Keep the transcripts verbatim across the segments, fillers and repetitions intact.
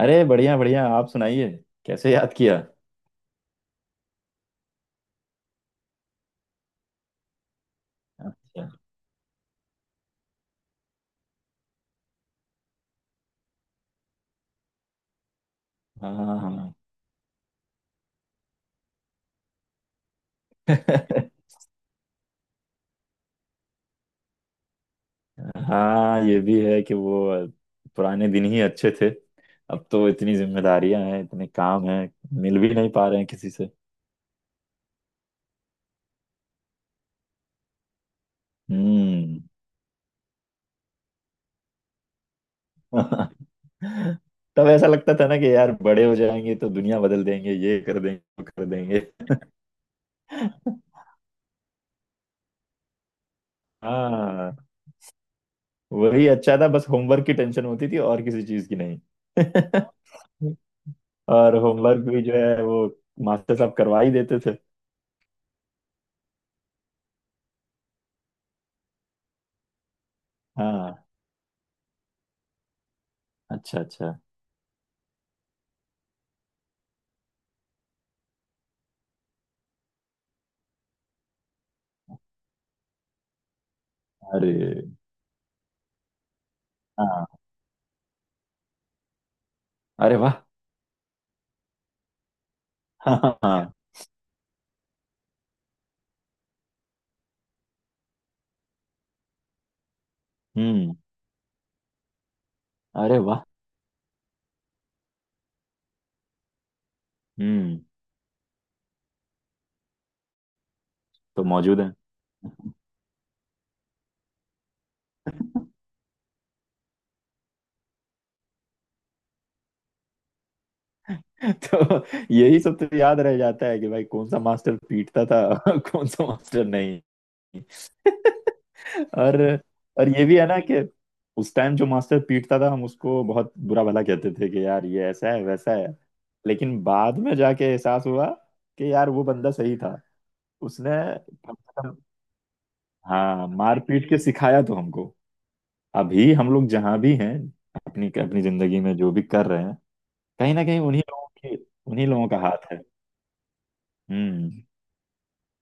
अरे बढ़िया बढ़िया, आप सुनाइए। कैसे याद किया? अच्छा। हाँ। हाँ, हाँ, ये भी है कि वो पुराने दिन ही अच्छे थे। अब तो इतनी जिम्मेदारियां हैं, इतने काम हैं। मिल भी नहीं पा रहे हैं किसी से। हम्म। तब ऐसा लगता था ना कि यार बड़े हो जाएंगे तो दुनिया बदल देंगे, ये कर देंगे, वो कर देंगे। हाँ, वही अच्छा था, बस होमवर्क की टेंशन होती थी और किसी चीज की नहीं। और होमवर्क भी जो है वो मास्टर साहब करवा ही देते थे। हाँ। अच्छा अच्छा। अरे। हाँ। अरे वाह। हाँ, हाँ, हाँ। हम्म। अरे वाह। हम्म। तो मौजूद है। तो यही सब तो याद रह जाता है कि भाई कौन सा मास्टर पीटता था कौन सा मास्टर नहीं। और और ये भी है ना कि उस टाइम जो मास्टर पीटता था हम उसको बहुत बुरा भला कहते थे कि यार ये ऐसा है वैसा है। लेकिन बाद में जाके एहसास हुआ कि यार वो बंदा सही था। उसने कम से कम हाँ, मारपीट के सिखाया तो हमको। अभी हम लोग जहाँ भी हैं, अपनी अपनी जिंदगी में जो भी कर रहे हैं, कहीं ना कहीं उन्हीं लोगों की उन्हीं लोगों का हाथ है। हम्म।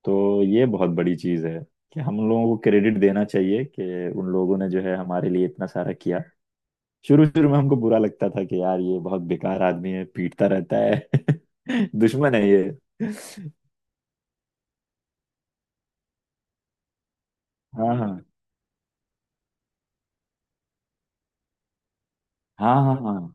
तो ये बहुत बड़ी चीज है कि हम लोगों को क्रेडिट देना चाहिए कि उन लोगों ने जो है हमारे लिए इतना सारा किया। शुरू शुरू में हमको बुरा लगता था कि यार ये बहुत बेकार आदमी है, पीटता रहता है। दुश्मन है ये। हाँ, हाँ, हाँ। हाँ। हाँ।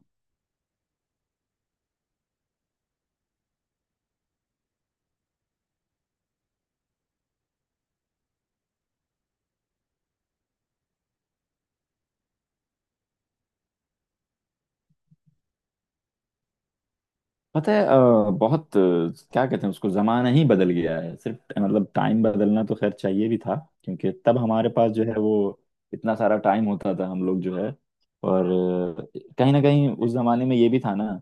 पता है, अ, बहुत अ, क्या कहते हैं उसको, जमाना ही बदल गया है। सिर्फ मतलब टाइम बदलना तो खैर चाहिए भी था, क्योंकि तब हमारे पास जो है वो इतना सारा टाइम होता था हम लोग जो है। और अ, कहीं ना कहीं उस जमाने में ये भी था ना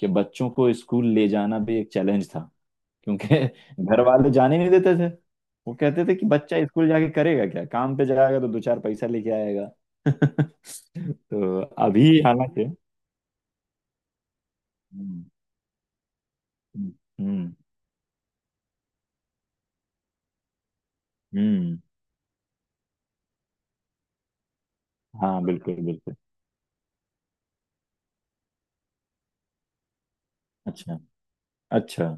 कि बच्चों को स्कूल ले जाना भी एक चैलेंज था, क्योंकि घर वाले जाने नहीं देते थे। वो कहते थे कि बच्चा स्कूल जाके करेगा क्या, काम पे जाएगा तो दो चार पैसा लेके आएगा। तो अभी हालांकि हम्म, हम्म, हम्म, हम्म। हाँ, बिल्कुल बिल्कुल। अच्छा अच्छा।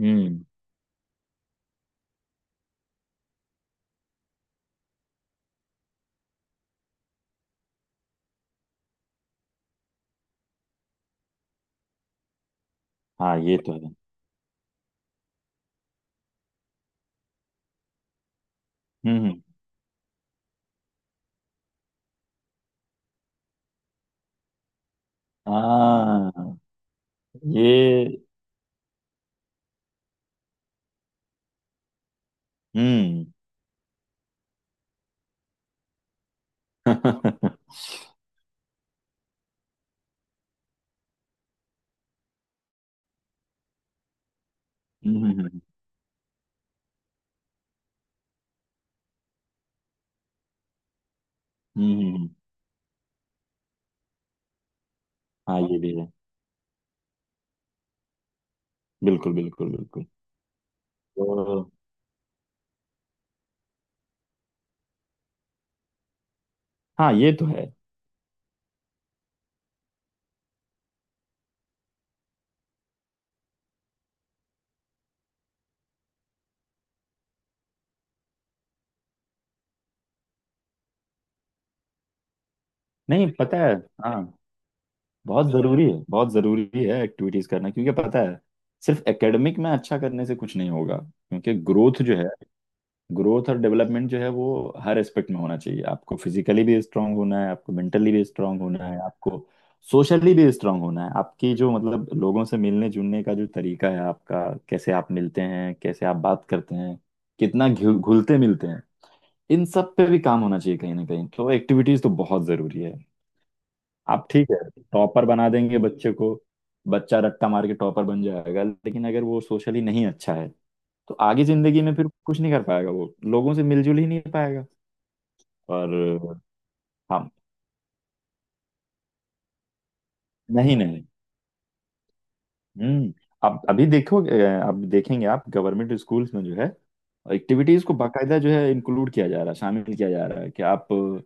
हम्म। हाँ ये तो है। हम्म। हाँ ये। हम्म। हम्म, हम्म, हम्म, हम्म, हम्म। हाँ ये भी है, बिल्कुल बिल्कुल बिल्कुल। तो हाँ ये तो है। नहीं, पता है, हाँ, बहुत जरूरी है, बहुत जरूरी है एक्टिविटीज करना, क्योंकि पता है सिर्फ एकेडमिक में अच्छा करने से कुछ नहीं होगा। क्योंकि ग्रोथ जो है, ग्रोथ और डेवलपमेंट जो है वो हर एस्पेक्ट में होना चाहिए। आपको फिजिकली भी स्ट्रांग होना है, आपको मेंटली भी स्ट्रांग होना है, आपको सोशली भी स्ट्रांग होना है। आपकी जो मतलब लोगों से मिलने जुलने का जो तरीका है आपका, कैसे आप मिलते हैं, कैसे आप बात करते हैं, कितना घुल- घुलते मिलते हैं, इन सब पे भी काम होना चाहिए कहीं ना कहीं। तो एक्टिविटीज तो बहुत जरूरी है। आप ठीक है टॉपर बना देंगे बच्चे को, बच्चा रट्टा मार के टॉपर बन जाएगा, लेकिन अगर वो सोशली नहीं अच्छा है तो आगे जिंदगी में फिर कुछ नहीं कर पाएगा, वो लोगों से मिलजुल ही नहीं पाएगा। और हाँ, नहीं नहीं। हम्म। अब अभी देखो, अ, अब देखेंगे आप गवर्नमेंट स्कूल्स में जो है एक्टिविटीज को बाकायदा जो है इंक्लूड किया जा रहा है, शामिल किया जा रहा है। कि आप अ,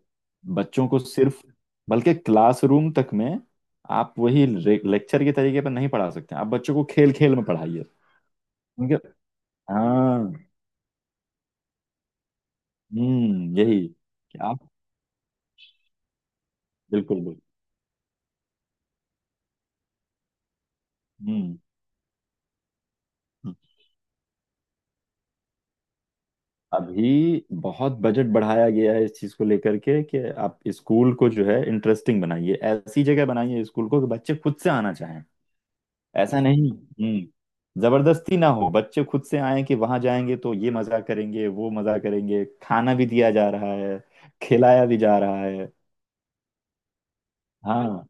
बच्चों को सिर्फ बल्कि क्लासरूम तक में आप वही लेक्चर के तरीके पर नहीं पढ़ा सकते, आप बच्चों को खेल खेल में पढ़ाइए। उनके हाँ। हम्म, यही कि आप बिल्कुल बिल्कुल। हम्म, हम्म। अभी बहुत बजट बढ़ाया गया है इस चीज को लेकर के कि आप स्कूल को जो है इंटरेस्टिंग बनाइए, ऐसी जगह बनाइए स्कूल को कि बच्चे खुद से आना चाहें। ऐसा नहीं हम्म जबरदस्ती ना हो, बच्चे खुद से आए कि वहां जाएंगे तो ये मजा करेंगे, वो मजा करेंगे। खाना भी दिया जा रहा है, खिलाया भी जा रहा है। हाँ।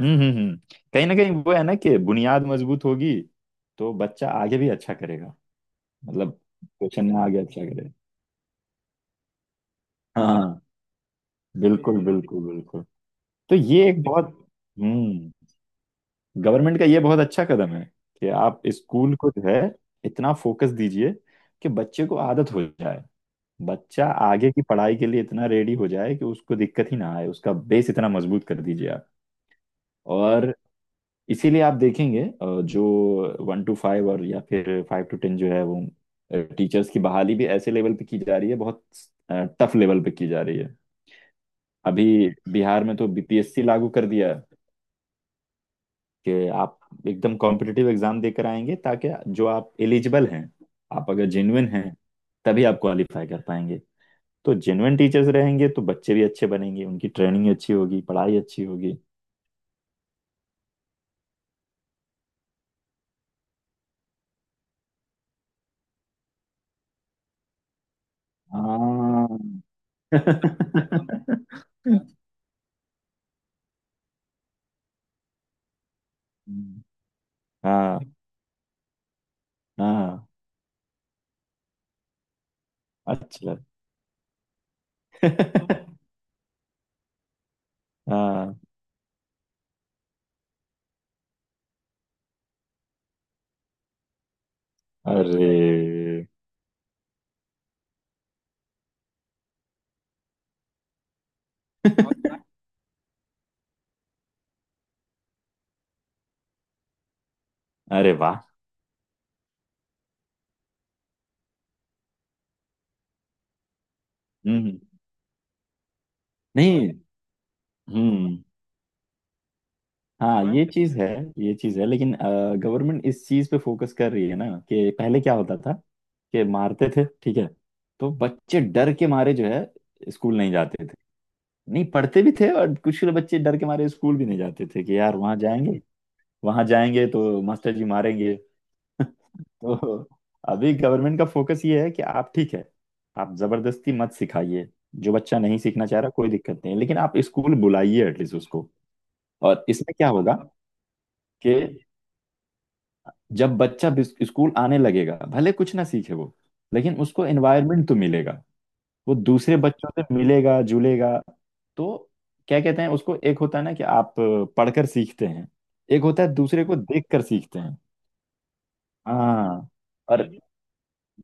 हम्म, हम्म, हम्म, कहीं ना कहीं वो है ना कि बुनियाद मजबूत होगी तो बच्चा आगे भी अच्छा करेगा। मतलब क्वेश्चन में आगे अच्छा करेगा। हाँ, बिल्कुल बिल्कुल बिल्कुल। तो ये एक बहुत हम्म, गवर्नमेंट का ये बहुत अच्छा कदम है कि आप स्कूल को जो है इतना फोकस दीजिए कि बच्चे को आदत हो जाए, बच्चा आगे की पढ़ाई के लिए इतना रेडी हो जाए कि उसको दिक्कत ही ना आए, उसका बेस इतना मजबूत कर दीजिए आप। और इसीलिए आप देखेंगे अ, जो वन टू फाइव और या फिर फाइव टू टेन जो है वो टीचर्स की बहाली भी ऐसे लेवल पे की जा रही है, बहुत टफ लेवल पे की जा रही है अभी। बिहार में तो बी पी एस सी लागू कर दिया है, कि आप एकदम कॉम्पिटिटिव एग्जाम देकर आएंगे, ताकि जो आप एलिजिबल हैं, आप अगर जेन्युइन हैं तभी आप क्वालिफाई कर पाएंगे। तो जेन्युइन टीचर्स रहेंगे तो बच्चे भी अच्छे बनेंगे, उनकी ट्रेनिंग अच्छी होगी, पढ़ाई अच्छी होगी। हाँ। हाँ, हाँ। अच्छा। हाँ। अरे। अरे वाह। हम्म। नहीं। हम्म। हाँ, हाँ, ये चीज है, ये चीज है, लेकिन गवर्नमेंट इस चीज पे फोकस कर रही है ना कि पहले क्या होता था कि मारते थे ठीक है, तो बच्चे डर के मारे जो है स्कूल नहीं जाते थे। नहीं पढ़ते भी थे और कुछ बच्चे डर के मारे स्कूल भी नहीं जाते थे कि यार वहां जाएंगे, वहां जाएंगे तो मास्टर जी मारेंगे। तो अभी गवर्नमेंट का फोकस ये है कि आप ठीक है, आप जबरदस्ती मत सिखाइए। जो बच्चा नहीं सीखना चाह रहा कोई दिक्कत नहीं है, लेकिन आप स्कूल बुलाइए एटलीस्ट उसको। और इसमें क्या होगा कि जब बच्चा बिस- स्कूल आने लगेगा भले कुछ ना सीखे वो, लेकिन उसको एनवायरनमेंट तो मिलेगा, वो दूसरे बच्चों से मिलेगा जुलेगा। तो क्या कहते हैं उसको, एक होता है ना कि आप अ, पढ़कर सीखते हैं, एक होता है दूसरे को देखकर सीखते हैं। हाँ। और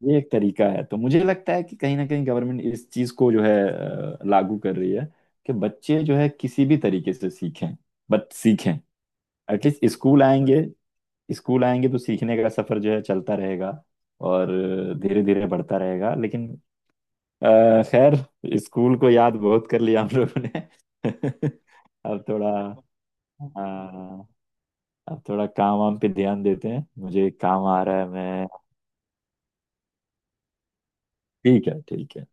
ये एक तरीका है, तो मुझे लगता है कि कहीं ना कहीं गवर्नमेंट इस चीज को जो है अ, लागू कर रही है कि बच्चे जो है किसी भी तरीके से सीखें बट सीखें, एटलीस्ट स्कूल आएंगे, स्कूल आएंगे तो सीखने का सफर जो है चलता रहेगा और धीरे धीरे बढ़ता रहेगा। लेकिन अ, खैर, स्कूल को याद बहुत कर लिया हम लोगों ने। अब थोड़ा अ, अब थोड़ा काम वाम पे ध्यान देते हैं, मुझे काम आ रहा है मैं। ठीक है ठीक है।